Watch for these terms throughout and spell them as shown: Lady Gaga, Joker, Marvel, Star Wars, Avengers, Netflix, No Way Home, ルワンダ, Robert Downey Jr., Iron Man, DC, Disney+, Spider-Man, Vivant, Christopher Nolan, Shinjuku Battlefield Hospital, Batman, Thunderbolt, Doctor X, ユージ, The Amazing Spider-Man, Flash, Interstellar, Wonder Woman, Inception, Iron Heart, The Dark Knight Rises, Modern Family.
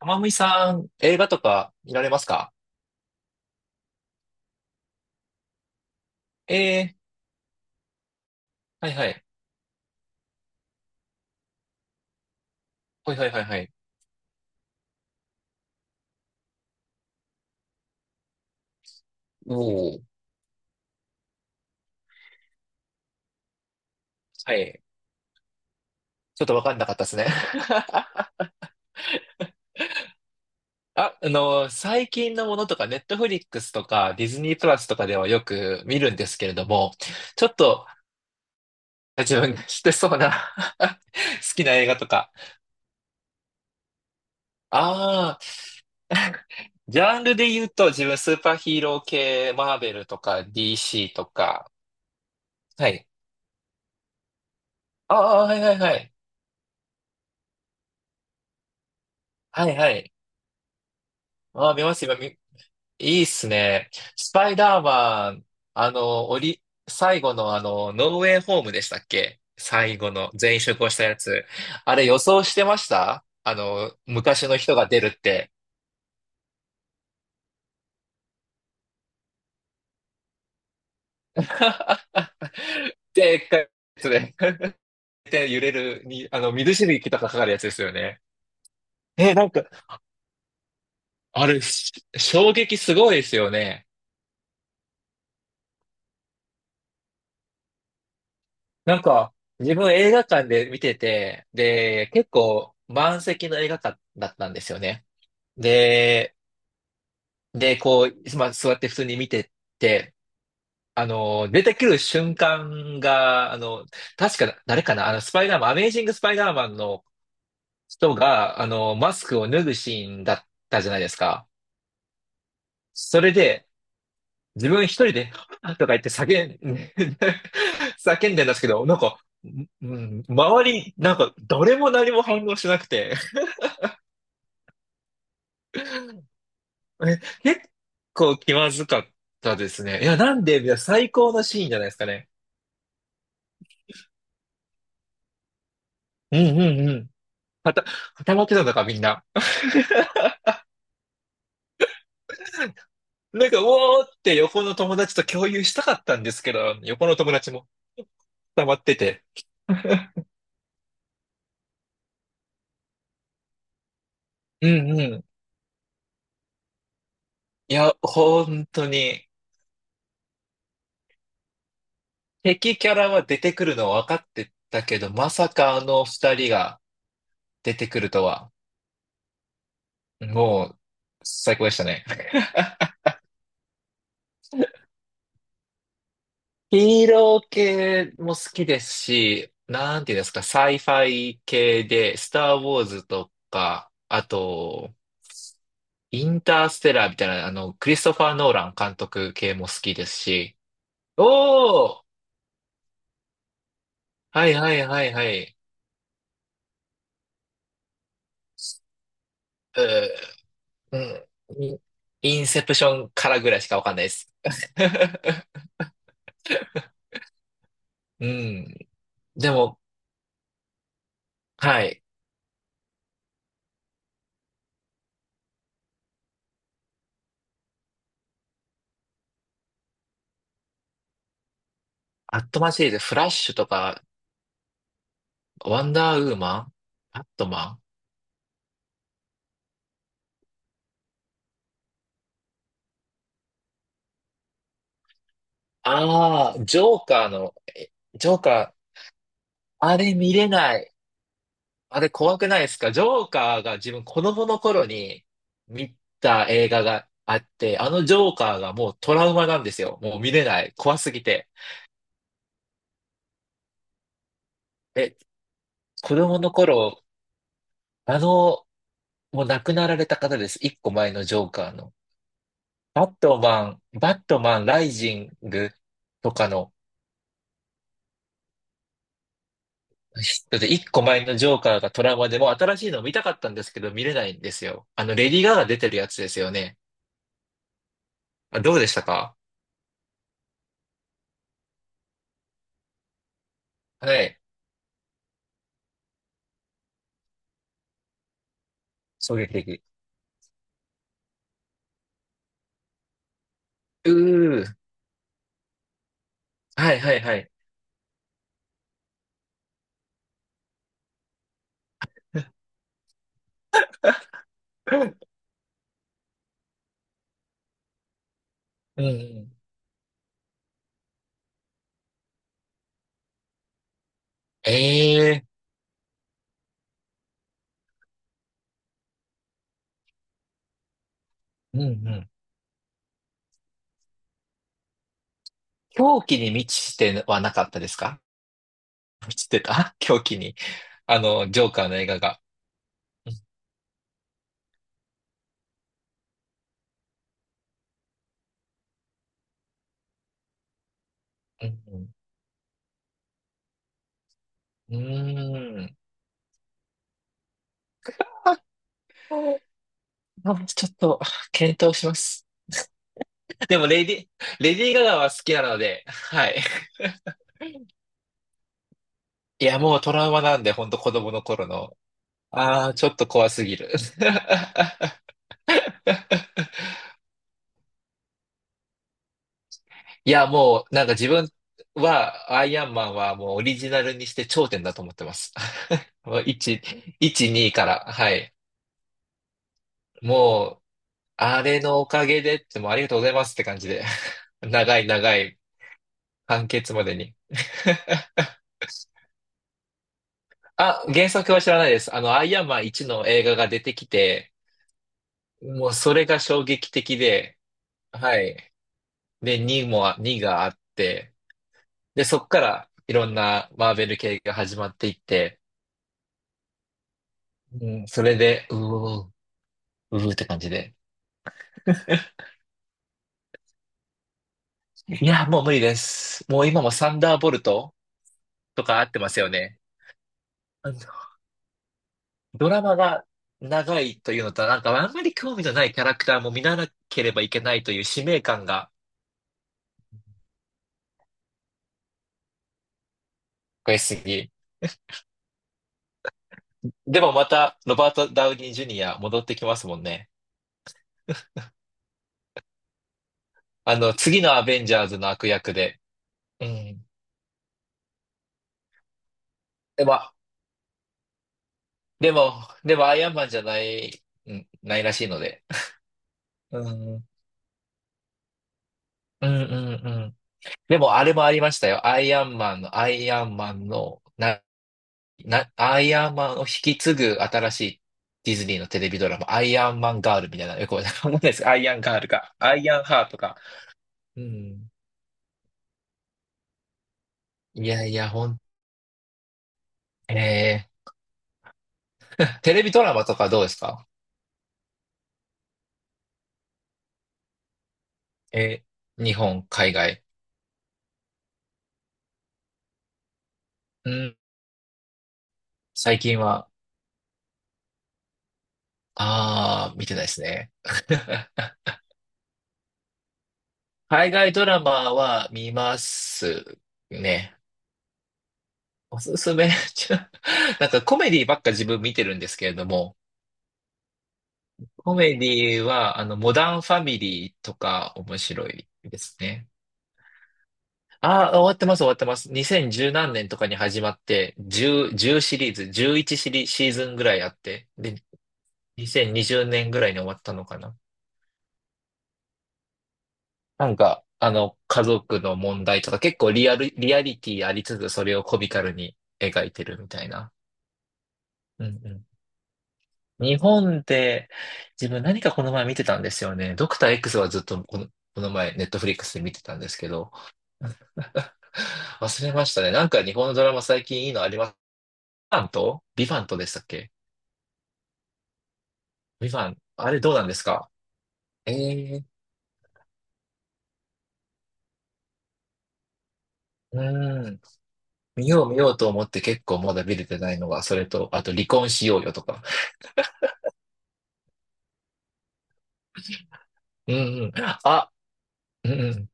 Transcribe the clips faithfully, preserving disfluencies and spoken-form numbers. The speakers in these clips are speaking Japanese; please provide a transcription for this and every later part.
まむいさん、映画とか見られますか？ええ、ーはいはい。はいはいはいはい。おお、はい。ちょっとわかんなかったですね。あ、あの、最近のものとか、ネットフリックスとか、ディズニープラスとかではよく見るんですけれども、ちょっと自分が知ってそうな 好きな映画とか。ああ、ジャンルで言うと、自分スーパーヒーロー系、マーベルとか、ディーシー とか。はい。ああ、はいはいはい。はいはい。ああ、見ます、今、いいっすね。スパイダーマン、あの、おり、最後のあの、ノーウェイホームでしたっけ、最後の全員集合したやつ。あれ予想してました、あの、昔の人が出るって。でっかいやつで。で、揺れるに、あの、水しぶきとかかかるやつですよね。え、なんか、あれ、し衝撃すごいですよね。なんか、自分映画館で見てて、で、結構満席の映画館だったんですよね。で、で、こう、まあ、座って普通に見てって、あの、出てくる瞬間が、あの、確か、誰かな、あの、スパイダーマン、アメイジングスパイダーマンの人が、あの、マスクを脱ぐシーンだったじゃないですか。それで、自分一人で、はぁとか言って叫ん、叫んでんですけど、なんか、うん、周り、なんか、誰も何も反応しなくて、え結構気まずかったですね。いや、なんで、いや最高のシーンじゃないですかね。うんうんうん。はた、働けたのか、みんな。なんか、うおーって横の友達と共有したかったんですけど、横の友達も溜まってて。うんうん。いや、本当に、敵キャラは出てくるのは分かってたけど、まさかあの二人が出てくるとは、もう、最高でしたね。ヒーロー系も好きですし、なんていうんですか、サイファイ系で、スター・ウォーズとか、あと、インターステラーみたいな、あの、クリストファー・ノーラン監督系も好きですし、おーはいはいはいはい。うーうん。インインセプションからぐらいしかわかんないです。うん。でも、はい。アットマンシリーズ、フラッシュとか、ワンダーウーマン、アットマン。ああ、ジョーカーの、えジョーカー、あれ見れない。あれ怖くないですか？ジョーカーが、自分子供の頃に見た映画があって、あのジョーカーがもうトラウマなんですよ。もう見れない。怖すぎて。え、子供の頃、あの、もう亡くなられた方です。一個前のジョーカーの。バットマン、バットマンライジングとかの、だって一個前のジョーカーがトラウマで、もう新しいの見たかったんですけど見れないんですよ。あのレディー・ガガ出てるやつですよね。あ、どうでしたか？はい。衝撃的。うー。はいはいはい。うんうん。ええうんうん。狂気に満ちてはなかったですか？満ちてた 狂気に。あの、ジョーカーの映画が。うんうん。うーん。あちょっと、検討します。でも、レディ、レディー・ガガは好きなので、はい。いや、もうトラウマなんで、ほんと子供の頃の。ああ、ちょっと怖すぎる。いや、もう、なんか自分は、アイアンマンはもうオリジナルにして頂点だと思ってます。もういち、いち、にから、はい。もう、あれのおかげでって、もうありがとうございますって感じで。長い長い完結までに。あ、原作は知らないです。あの、アイアンマンワンの映画が出てきて、もうそれが衝撃的で、はい。で、にも、にがあって、で、そっからいろんなマーベル系が始まっていって、うん、それで、うーうーって感じで。いや、もう無理です。もう今もサンダーボルトとか合ってますよね。あのドラマが長いというのと、なんかあんまり興味のないキャラクターも見なければいけないという使命感が増えすぎ。でもまた、ロバート・ダウニー・ジュニア戻ってきますもんね。あの、次のアベンジャーズの悪役で。うん。でも、でも、でも、アイアンマンじゃない、うん、ないらしいので。うん、うん、うん、うん。でも、あれもありましたよ。アイアンマンの、アイアンマンの、な、な、アイアンマンを引き継ぐ新しいディズニーのテレビドラマ、アイアンマンガールみたいな、よくわかんないです。アイアンガールか、アイアンハートか。うん。いやいや、ほん、えー、テレビドラマとかどうですか？えー、日本、海外。うん、最近は、あー、見てないですね。海外ドラマは見ますね。おすすめ、ちょ、なんかコメディばっか自分見てるんですけれども、コメディは、あの、モダンファミリーとか面白いですね。ああ、終わってます、終わってます。にせんじゅう何年とかに始まって、じゅう、じゅうシリーズ、11シリ、シーズンぐらいあって、で、にせんにじゅうねんぐらいに終わったのかな。なんか、あの、家族の問題とか結構リアル、リアリティありつつ、それをコミカルに描いてるみたいな。うんうん日本で自分何かこの前見てたんですよね。ドクター X はずっとこの、この前ネットフリックスで見てたんですけど、忘れましたね。なんか日本のドラマ最近いいのあります？ビバントビバントでしたっけ？ビバン。あれどうなんですか？ええーうーん。見よう見ようと思って結構まだ見れてないのが、それと、あと離婚しようよとか。うんうん。あ、うんうん。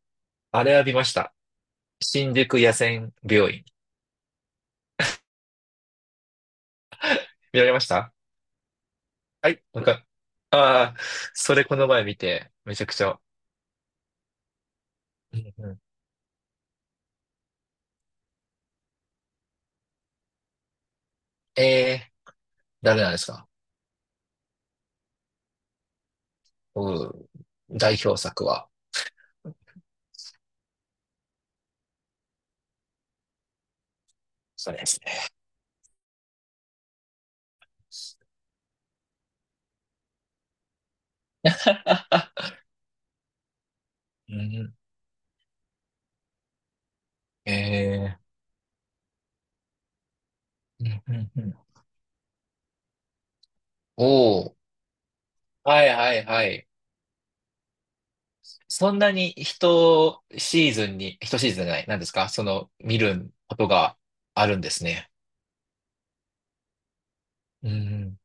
あれは見ました。新宿野戦病院。見られました？はい、なんか、ああ、それこの前見て、めちゃくちゃ。うんうん、えー、誰なんですか？うん、代表作は。それですね。うんうん、えー、うんうんうん、おお、はいはいはい。そんなに一シーズンに、一シーズンじゃない、なんですかその、見ることがあるんですね。うん